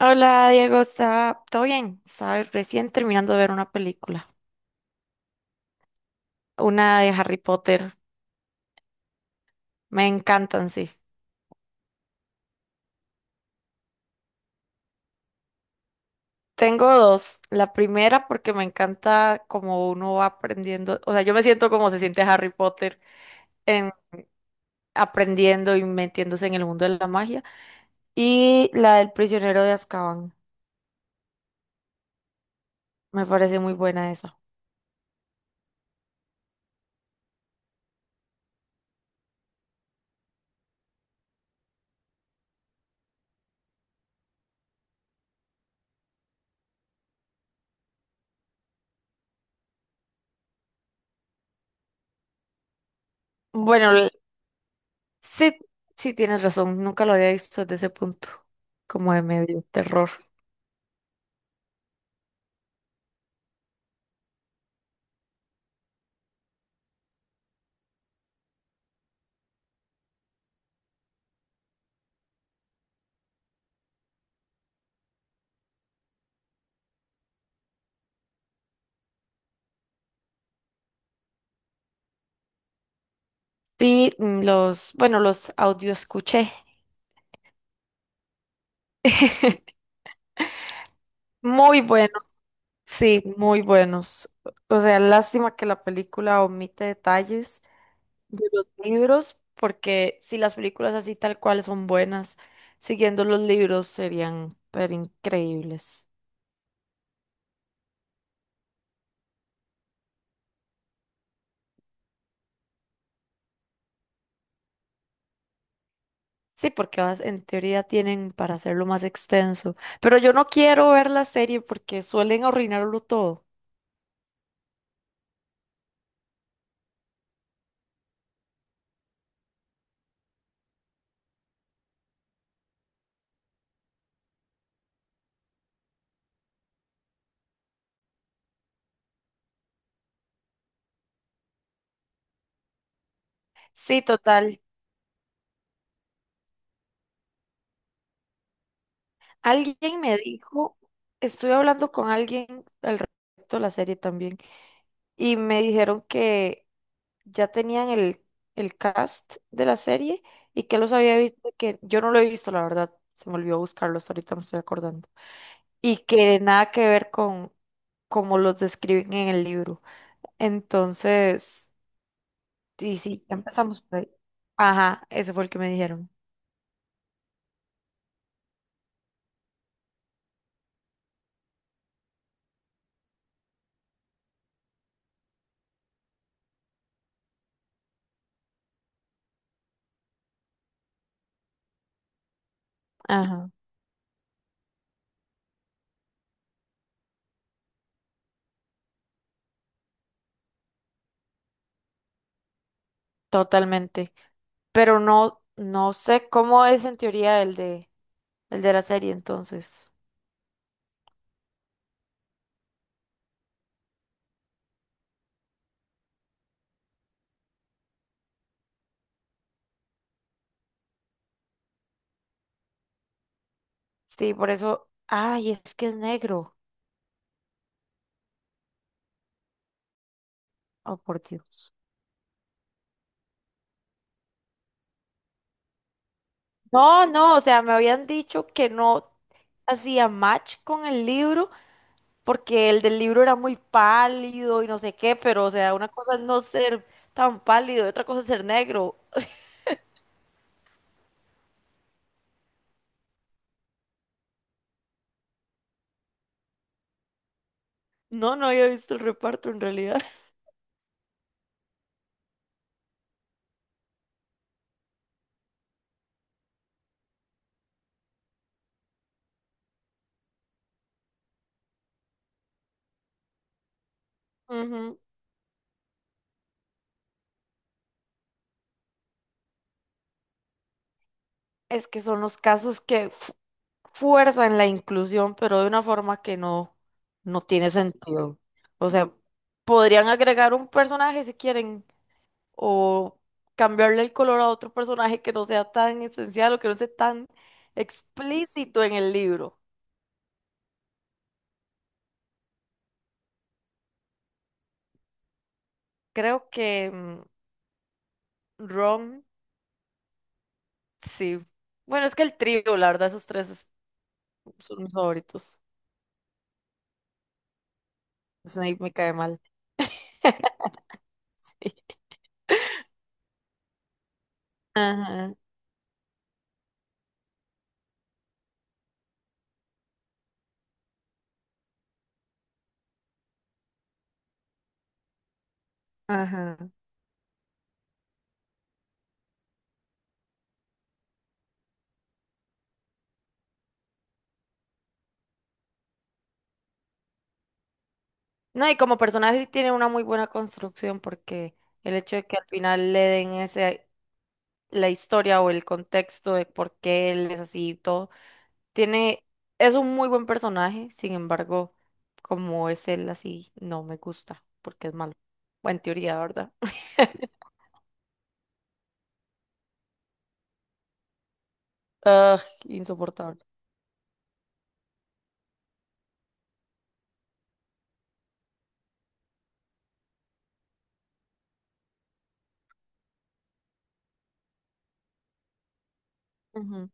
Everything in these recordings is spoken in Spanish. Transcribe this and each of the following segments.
Hola Diego, ¿está todo bien? Estaba recién terminando de ver una película, una de Harry Potter. Me encantan, sí. Tengo dos. La primera porque me encanta como uno va aprendiendo, o sea, yo me siento como se siente Harry Potter en aprendiendo y metiéndose en el mundo de la magia. Y la del prisionero de Azkaban. Me parece muy buena esa. Bueno, sí, sí tienes razón. Nunca lo había visto desde ese punto, como de medio terror. Sí, bueno, los audio escuché. Muy buenos, sí, muy buenos. O sea, lástima que la película omite detalles de los libros, porque si las películas así tal cual son buenas, siguiendo los libros serían pero increíbles. Sí, porque en teoría tienen para hacerlo más extenso. Pero yo no quiero ver la serie porque suelen arruinarlo todo. Sí, total. Alguien me dijo, estuve hablando con alguien al respecto de la serie también, y me dijeron que ya tenían el cast de la serie y que los había visto, que yo no lo he visto, la verdad, se me olvidó buscarlo, hasta ahorita me estoy acordando, y que nada que ver con como los describen en el libro. Entonces, y sí, ya empezamos por ahí. Ajá, ese fue el que me dijeron. Ajá, totalmente. Pero no, no sé cómo es en teoría el de la serie, entonces. Sí, por eso. Ay, es que es negro. Oh, por Dios. No, no, o sea, me habían dicho que no hacía match con el libro porque el del libro era muy pálido y no sé qué, pero o sea, una cosa es no ser tan pálido y otra cosa es ser negro. No, no había visto el reparto en realidad. Ujú. Es que son los casos que, fuerza en la inclusión, pero de una forma que no, no tiene sentido. O sea, podrían agregar un personaje si quieren, o cambiarle el color a otro personaje que no sea tan esencial o que no sea tan explícito en el libro. Creo que Ron, sí. Bueno, es que el trío, la verdad, son mis favoritos. Snape me cae mal. Ajá, ajá. No, y como personaje sí tiene una muy buena construcción porque el hecho de que al final le den ese, la historia o el contexto de por qué él es así y todo, tiene, es un muy buen personaje, sin embargo, como es él así, no me gusta porque es malo. Bueno, en teoría, ¿verdad? Ugh, insoportable. Ujú,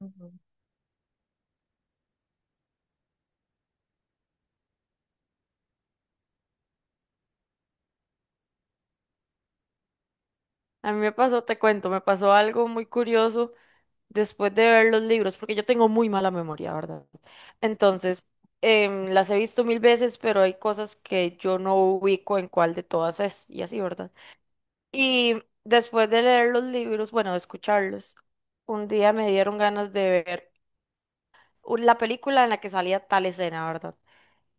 ujú. A mí me pasó, te cuento, me pasó algo muy curioso después de ver los libros, porque yo tengo muy mala memoria, ¿verdad? Entonces, las he visto mil veces, pero hay cosas que yo no ubico en cuál de todas es, y así, ¿verdad? Y después de leer los libros, bueno, de escucharlos, un día me dieron ganas de ver la película en la que salía tal escena, ¿verdad?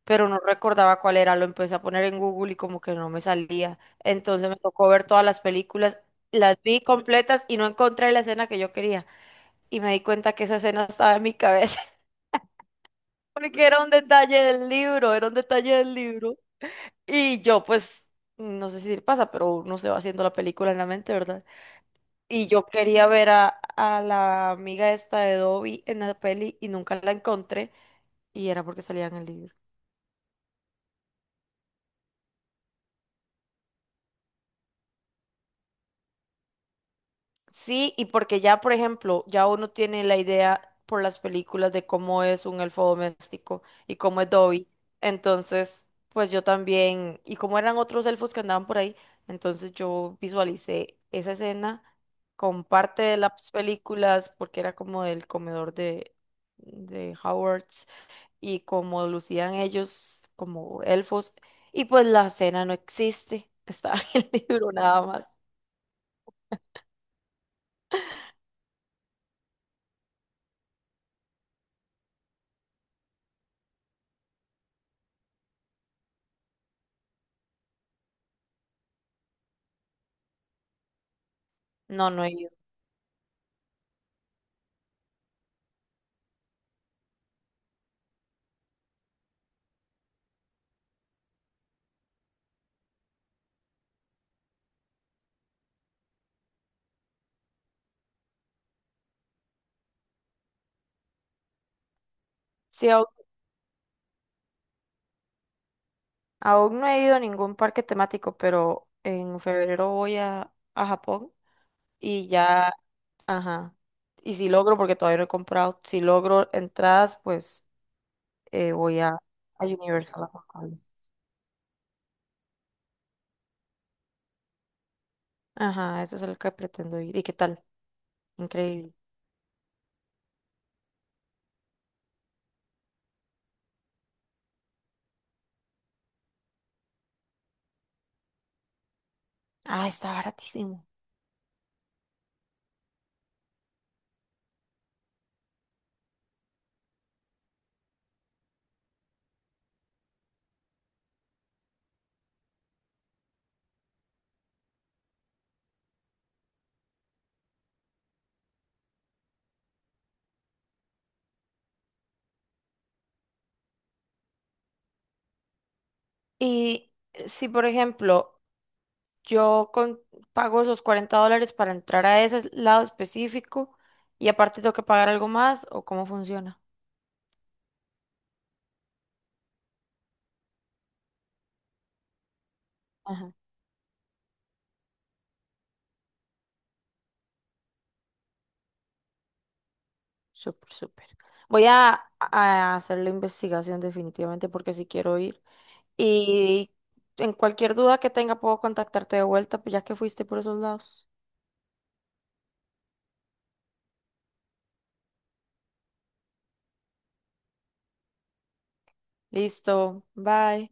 Pero no recordaba cuál era, lo empecé a poner en Google y como que no me salía. Entonces me tocó ver todas las películas, las vi completas y no encontré la escena que yo quería. Y me di cuenta que esa escena estaba en mi cabeza, porque era un detalle del libro, era un detalle del libro. Y yo, pues, no sé si le pasa, pero uno se va haciendo la película en la mente, ¿verdad? Y yo quería ver a la amiga esta de Dobby en la peli y nunca la encontré, y era porque salía en el libro. Sí, y porque ya, por ejemplo, ya uno tiene la idea por las películas de cómo es un elfo doméstico y cómo es Dobby. Entonces, pues yo también, y como eran otros elfos que andaban por ahí, entonces yo visualicé esa escena con parte de las películas, porque era como del comedor de Hogwarts y como lucían ellos como elfos. Y pues la escena no existe, estaba en el libro nada más. No, no he ido. Sí, aún no he ido a ningún parque temático, pero en febrero voy a Japón y ya, ajá. Y si logro, porque todavía no he comprado, si logro entradas, pues voy a Universal, a Japón. Ajá, ese es el que pretendo ir. ¿Y qué tal? Increíble. Ah, está baratísimo. Y si, por ejemplo, yo con- pago esos $40 para entrar a ese lado específico y aparte tengo que pagar algo más, ¿o cómo funciona? Súper, súper. Voy a hacer la investigación definitivamente porque si quiero ir. Y en cualquier duda que tenga puedo contactarte de vuelta, pues ya que fuiste por esos lados. Listo, bye.